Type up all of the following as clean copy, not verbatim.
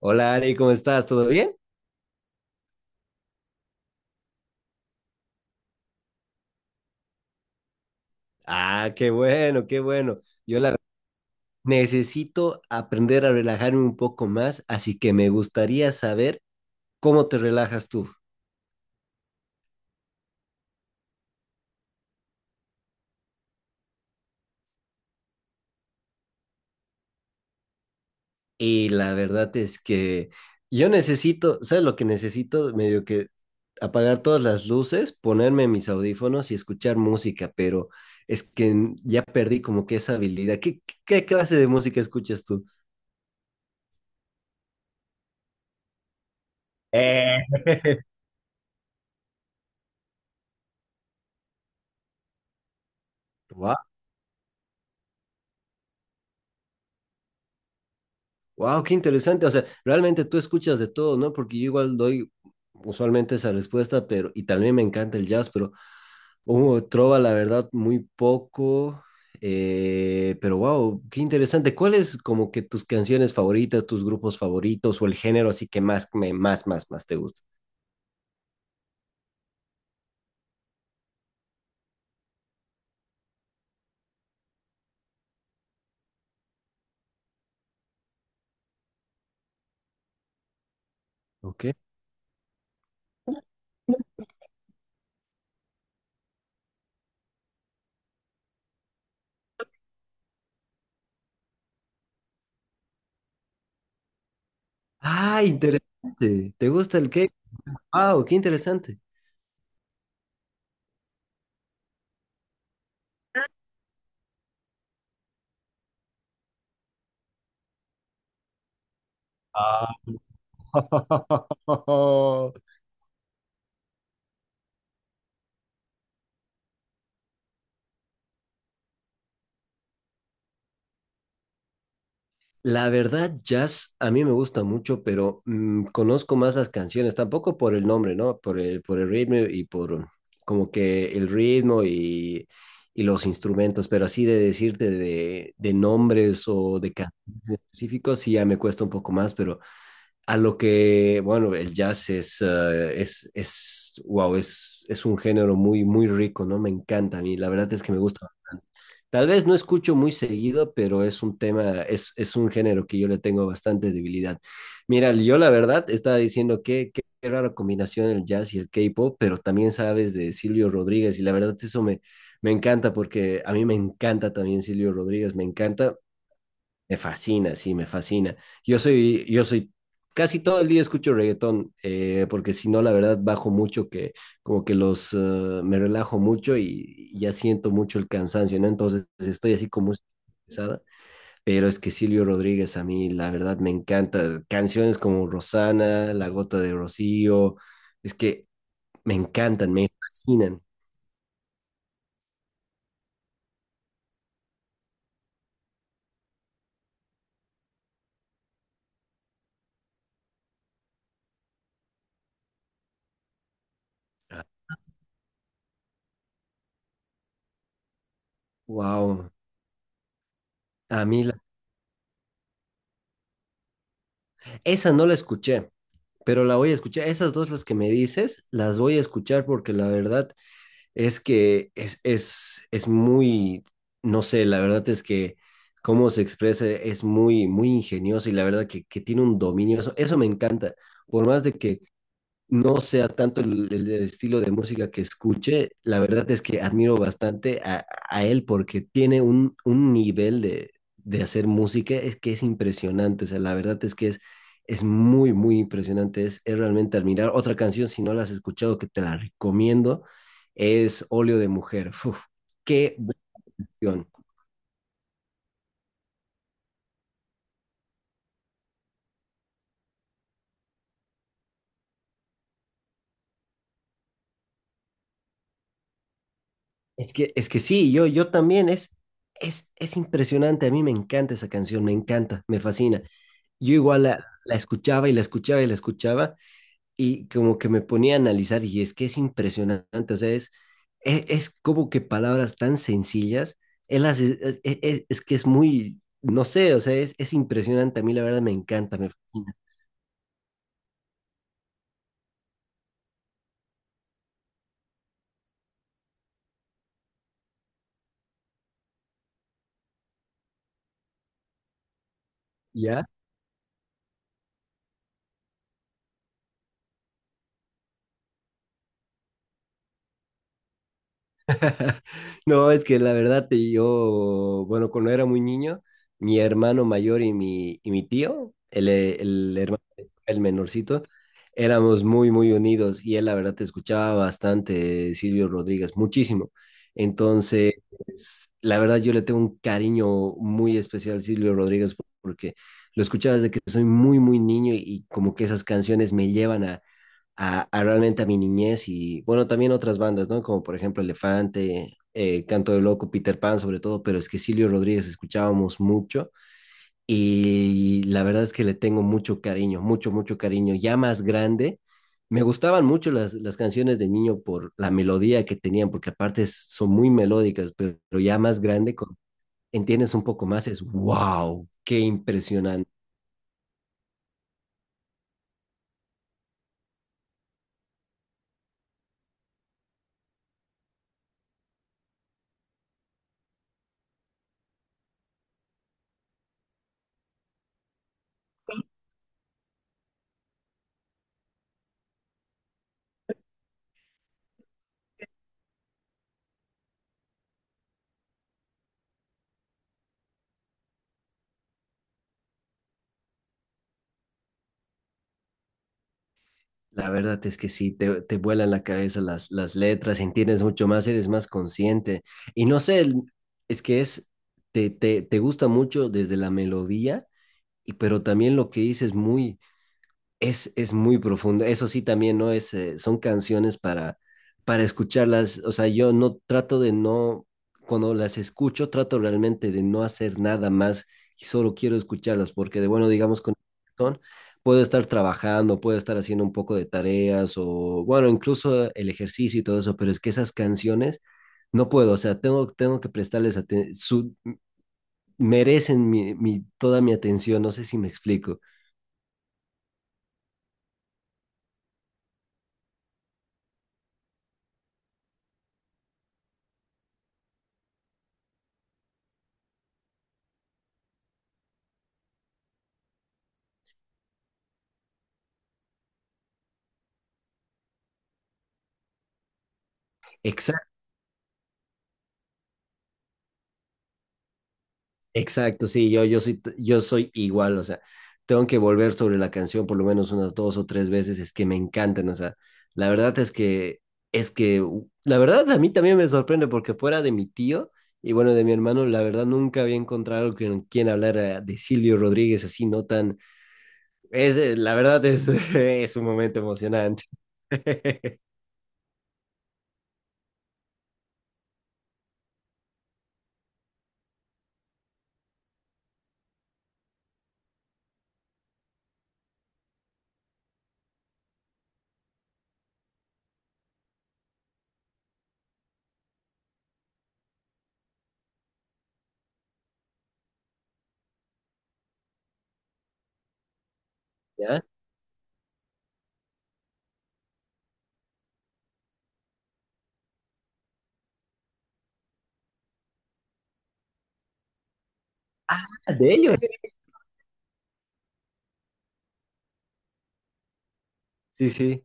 Hola Ari, ¿cómo estás? ¿Todo bien? Ah, qué bueno, qué bueno. Yo la necesito aprender a relajarme un poco más, así que me gustaría saber cómo te relajas tú. Y la verdad es que yo necesito, ¿sabes lo que necesito? Medio que apagar todas las luces, ponerme mis audífonos y escuchar música, pero es que ya perdí como que esa habilidad. ¿Qué, qué clase de música escuchas tú? Eh, Wow. Wow, qué interesante. O sea, realmente tú escuchas de todo, ¿no? Porque yo igual doy usualmente esa respuesta, pero, y también me encanta el jazz, pero hubo trova, la verdad, muy poco. Pero wow, qué interesante. ¿Cuáles como que tus canciones favoritas, tus grupos favoritos o el género así que más, me, más, más, más te gusta? Ok. Ah, interesante. ¿Te gusta el qué? Wow, qué interesante. Ah. La verdad, jazz a mí me gusta mucho, pero mm, conozco más las canciones, tampoco por el nombre, ¿no? Por el ritmo y por como que el ritmo y los instrumentos, pero así de decirte de nombres o de canciones específicos, sí ya me cuesta un poco más, pero a lo que, bueno, el jazz wow, es un género muy, muy rico, ¿no? Me encanta a mí, la verdad es que me gusta bastante. Tal vez no escucho muy seguido, pero es un género que yo le tengo bastante debilidad. Mira, yo la verdad estaba diciendo que qué rara combinación el jazz y el K-pop, pero también sabes de Silvio Rodríguez y la verdad eso me, me encanta porque a mí me encanta también Silvio Rodríguez, me encanta. Me fascina, sí, me fascina. Yo soy, yo soy, Casi todo el día escucho reggaetón, porque si no, la verdad, bajo mucho que, como que los, me relajo mucho y, ya siento mucho el cansancio, ¿no? Entonces estoy así como pesada, pero es que Silvio Rodríguez a mí, la verdad, me encanta. Canciones como Rosana, La Gota de Rocío, es que me encantan, me fascinan. Wow, a mí, la- esa no la escuché, pero la voy a escuchar. Esas dos las que me dices, las voy a escuchar porque la verdad es que es muy, no sé, la verdad es que cómo se expresa es muy, muy ingenioso y la verdad que tiene un dominio. Eso me encanta. Por más de que no sea tanto el estilo de música que escuche, la verdad es que admiro bastante a él porque tiene un nivel de hacer música, es que es impresionante, o sea, la verdad es que es muy, muy impresionante, es realmente admirar. Otra canción, si no la has escuchado, que te la recomiendo, es Óleo de Mujer. Uf, qué canción. Es que sí, yo también, es impresionante, a mí me encanta esa canción, me encanta, me fascina. Yo igual la escuchaba y la escuchaba y la escuchaba y como que me ponía a analizar y es que es impresionante, o sea, es como que palabras tan sencillas, él hace, es que es muy, no sé, o sea, es impresionante, a mí la verdad me encanta, me fascina, ¿ya? No, es que la verdad, bueno, cuando era muy niño, mi hermano mayor y mi tío, el hermano, el menorcito, éramos muy, muy unidos y él, la verdad, te escuchaba bastante, Silvio Rodríguez, muchísimo. Entonces, la verdad, yo le tengo un cariño muy especial a Silvio Rodríguez porque lo escuchaba desde que soy muy, muy niño y como que esas canciones me llevan a realmente a mi niñez y, bueno, también otras bandas, ¿no? Como por ejemplo Elefante, Canto de Loco, Peter Pan sobre todo, pero es que Silvio Rodríguez escuchábamos mucho y la verdad es que le tengo mucho cariño, mucho, mucho cariño, ya más grande. Me gustaban mucho las canciones de niño por la melodía que tenían, porque aparte son muy melódicas, pero ya más grande, entiendes un poco más, es wow, qué impresionante. La verdad es que sí, te vuelan la cabeza las letras, entiendes mucho más, eres más consciente. Y no sé, es que es, te gusta mucho desde la melodía, y, pero también lo que dices muy, es muy profundo. Eso sí, también, ¿no? Son canciones para escucharlas. O sea, yo no trato de no, cuando las escucho, trato realmente de no hacer nada más y solo quiero escucharlas, porque de bueno, digamos, con el reggaetón, puedo estar trabajando, puedo estar haciendo un poco de tareas o, bueno, incluso el ejercicio y todo eso, pero es que esas canciones no puedo, o sea, tengo que prestarles atención, merecen toda mi atención, no sé si me explico. Exacto. Exacto, sí, yo soy igual, o sea, tengo que volver sobre la canción por lo menos unas dos o tres veces, es que me encantan, o sea, la verdad es que, la verdad a mí también me sorprende porque fuera de mi tío y bueno, de mi hermano, la verdad nunca había encontrado con quien hablar de Silvio Rodríguez así, no tan, la verdad es, es un momento emocionante. ¿Ya? Ah, de ellos, sí, sí.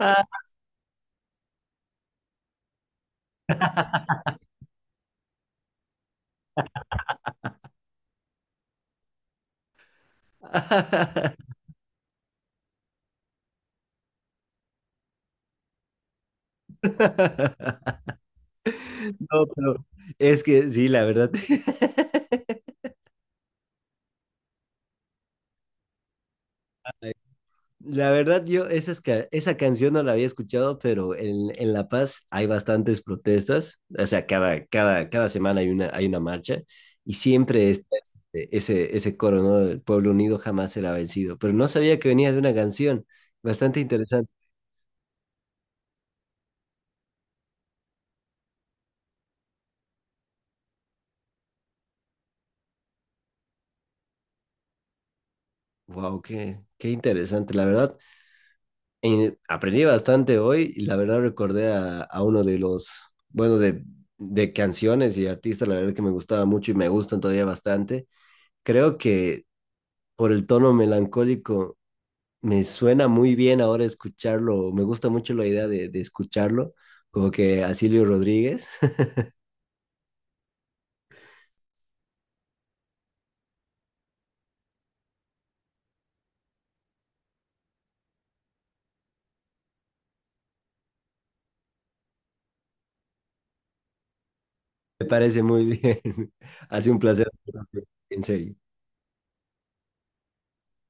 Ah, No, pero es que sí, la verdad. Ay, la verdad, yo esas esa canción no la había escuchado, pero en La Paz hay bastantes protestas. O sea, cada semana hay una marcha y siempre está ese coro, ¿no? El pueblo unido jamás será vencido. Pero no sabía que venía de una canción. Bastante interesante. Wow, qué interesante. La verdad, aprendí bastante hoy y la verdad recordé a uno de los, bueno, de canciones y artistas, la verdad que me gustaba mucho y me gustan todavía bastante. Creo que por el tono melancólico, me suena muy bien ahora escucharlo, me gusta mucho la idea de escucharlo, como que a Silvio Rodríguez, me parece muy bien, hace un placer, en serio.